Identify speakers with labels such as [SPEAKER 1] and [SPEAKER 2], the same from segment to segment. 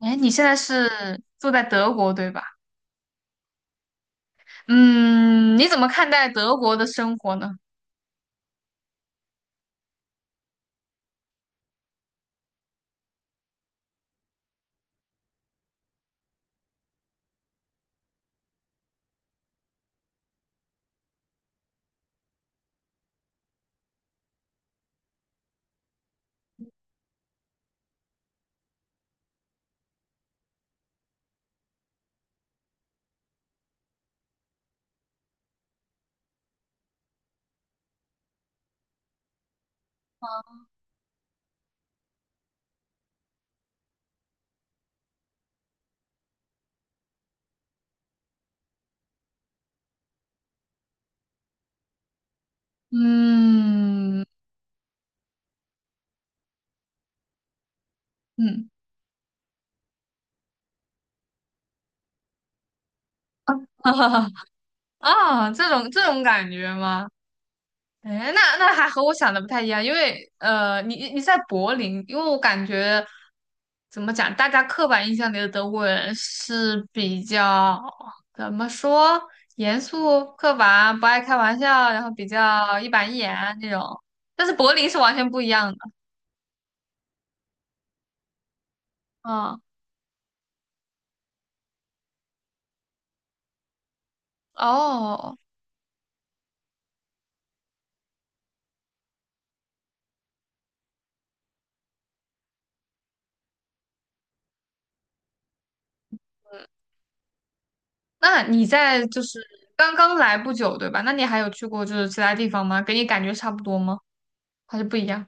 [SPEAKER 1] 哎，你现在是住在德国，对吧？嗯，你怎么看待德国的生活呢？嗯嗯，啊，这种感觉吗？哎，那还和我想的不太一样，因为你在柏林，因为我感觉怎么讲，大家刻板印象里的德国人是比较怎么说，严肃、刻板、不爱开玩笑，然后比较一板一眼那种，但是柏林是完全不一样的，嗯。哦，那你在就是刚刚来不久，对吧？那你还有去过就是其他地方吗？给你感觉差不多吗？还是不一样？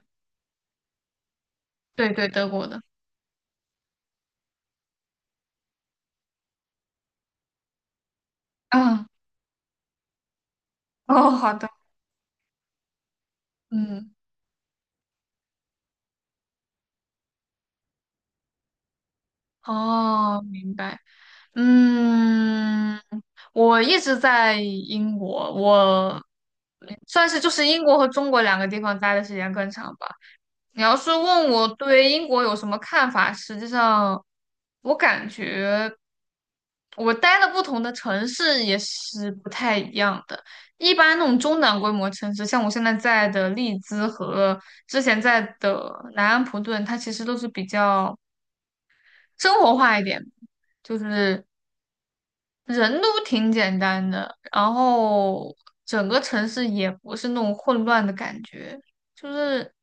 [SPEAKER 1] 对对，德国的。嗯，哦，好的，嗯，哦，明白，嗯，我一直在英国，我算是就是英国和中国两个地方待的时间更长吧。你要是问我对英国有什么看法，实际上我感觉我待的不同的城市也是不太一样的。一般那种中等规模城市，像我现在在的利兹和之前在的南安普顿，它其实都是比较生活化一点，就是人都挺简单的，然后整个城市也不是那种混乱的感觉。就是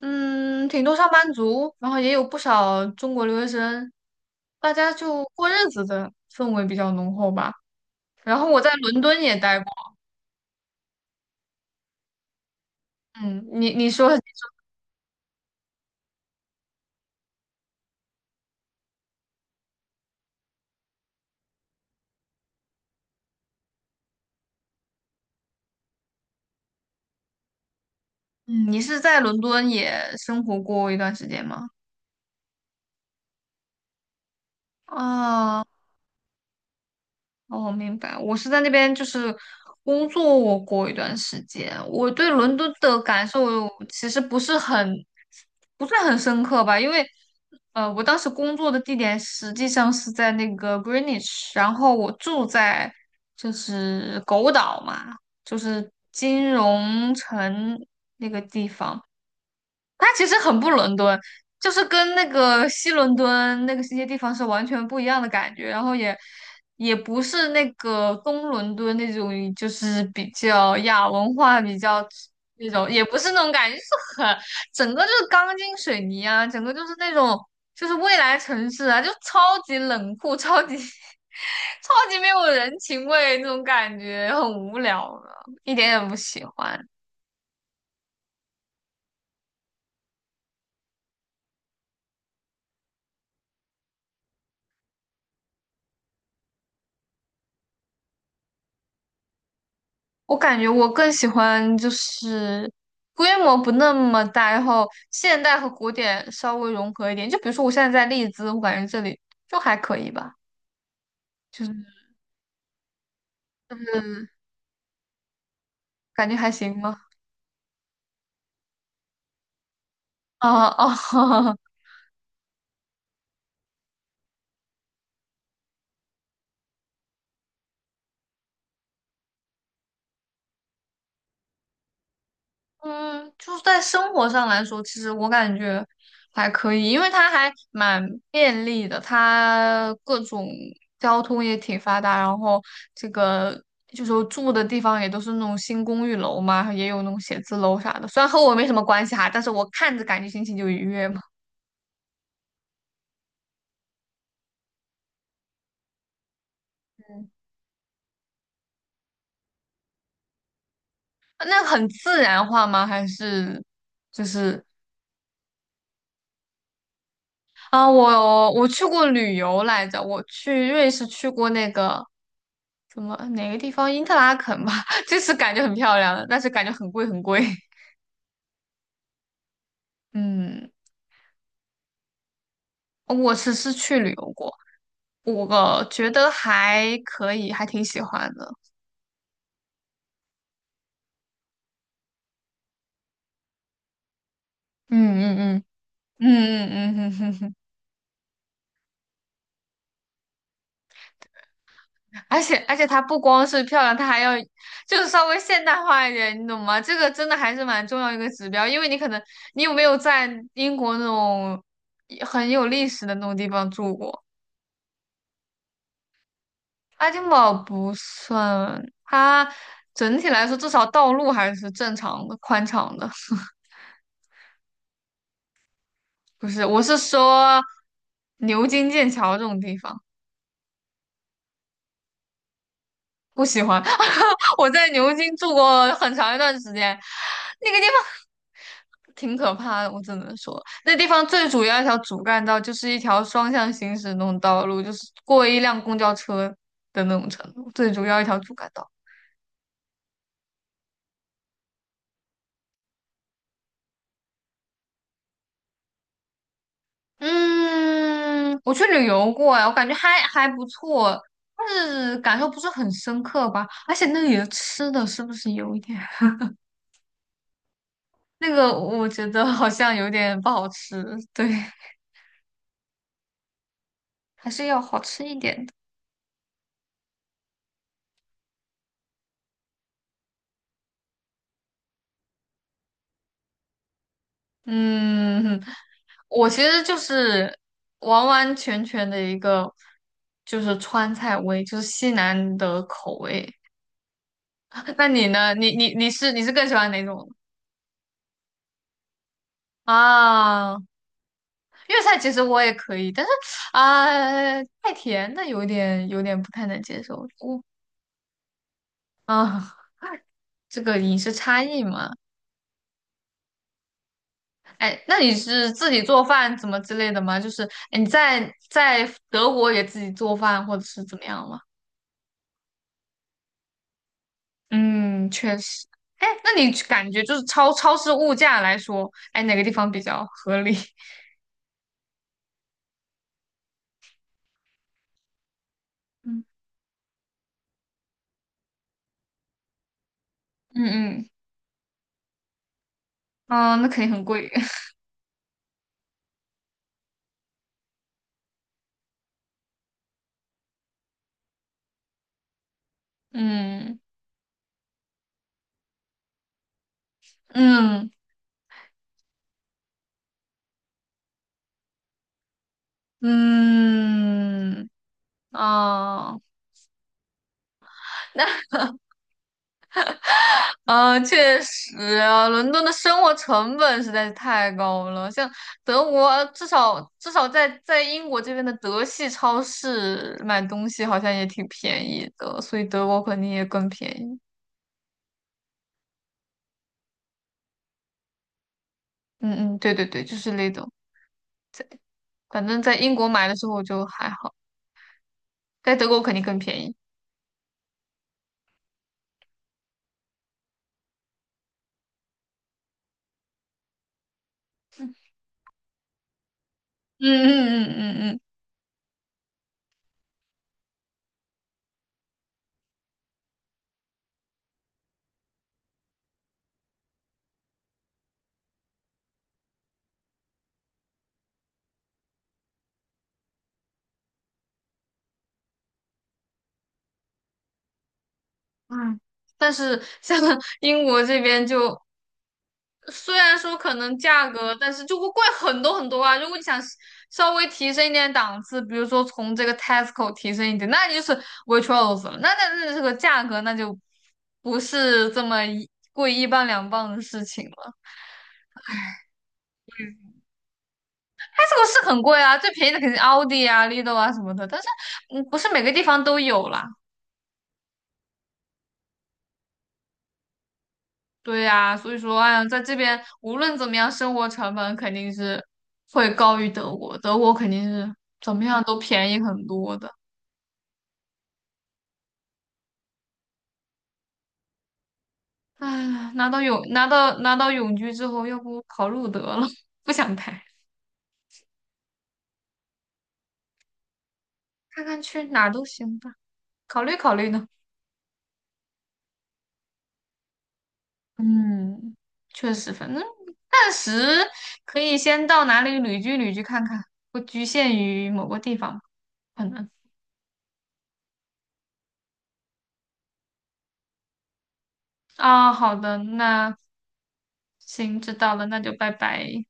[SPEAKER 1] 嗯，挺多上班族，然后也有不少中国留学生，大家就过日子的氛围比较浓厚吧。然后我在伦敦也待过，嗯，你说，嗯，你是在伦敦也生活过一段时间吗？啊。哦，明白。我是在那边就是工作过一段时间，我对伦敦的感受其实不是很不算很深刻吧，因为我当时工作的地点实际上是在那个 Greenwich，然后我住在就是狗岛嘛，就是金融城那个地方。它其实很不伦敦，就是跟那个西伦敦那个一些地方是完全不一样的感觉，然后也也不是那个东伦敦那种，就是比较亚文化比较那种，也不是那种感觉，就是很整个就是钢筋水泥啊，整个就是那种就是未来城市啊，就超级冷酷，超级 超级没有人情味那种感觉，很无聊的，一点也不喜欢。我感觉我更喜欢就是规模不那么大，然后现代和古典稍微融合一点。就比如说我现在在利兹，我感觉这里就还可以吧，就是感觉还行吧。啊哦，嗯，就是在生活上来说，其实我感觉还可以，因为它还蛮便利的，它各种交通也挺发达，然后这个就是我住的地方也都是那种新公寓楼嘛，也有那种写字楼啥的，虽然和我没什么关系哈，但是我看着感觉心情就愉悦嘛。那很自然化吗？还是就是啊，我去过旅游来着，我去瑞士去过那个。怎么哪个地方？因特拉肯吧，就是感觉很漂亮但是感觉很贵很贵。嗯，我只是去旅游过，我觉得还可以，还挺喜欢的。嗯嗯嗯嗯嗯嗯嗯，而且它不光是漂亮，它还要就是稍微现代化一点，你懂吗？这个真的还是蛮重要一个指标，因为你可能你有没有在英国那种很有历史的那种地方住过？爱丁堡不算，它整体来说至少道路还是正常的、宽敞的。不是，我是说牛津、剑桥这种地方不喜欢。我在牛津住过很长一段时间，那个地方挺可怕的，我只能说，那地方最主要一条主干道就是一条双向行驶那种道路，就是过一辆公交车的那种程度，最主要一条主干道。嗯，我去旅游过哎，我感觉还不错，但是感受不是很深刻吧。而且那里的吃的是不是有一点？那个我觉得好像有点不好吃，对，还是要好吃一点的。嗯，我其实就是完完全全的一个就是川菜味，就是西南的口味。那你呢？你是你是更喜欢哪种啊？粤菜其实我也可以，但是啊、太甜的有点不太能接受。我啊、这个饮食差异嘛，哎，那你是自己做饭怎么之类的吗？就是哎你在德国也自己做饭或者是怎么样吗？嗯，确实。哎，那你去感觉就是超市物价来说，哎，哪个地方比较合理？嗯嗯嗯，啊，那肯定很贵。嗯嗯嗯啊。嗯，确实啊，伦敦的生活成本实在是太高了。像德国，至少在在英国这边的德系超市买东西好像也挺便宜的，所以德国肯定也更便宜。嗯嗯，对对对，就是那种。反正在英国买的时候就还好，在德国肯定更便宜。嗯嗯嗯嗯嗯，嗯，但是像 英国这边就虽然说可能价格，但是就会贵很多很多啊。如果你想稍微提升一点档次，比如说从这个 Tesco 提升一点，那你就是 Waitrose 了。那这个价格那就不是这么一贵一磅两磅的事情了。Tesco 是很贵啊，最便宜的肯定奥迪啊、Lidl 啊什么的，但是嗯，不是每个地方都有啦。对呀、所以说，哎呀，在这边无论怎么样，生活成本肯定是会高于德国，德国肯定是怎么样都便宜很多的。唉，拿到永居之后，要不考入得了？不想拍，看看去哪儿都行吧，考虑考虑呢。嗯，确实，反正暂时可以先到哪里旅居看看，不局限于某个地方吧可能。啊，好的，那行，知道了，那就拜拜。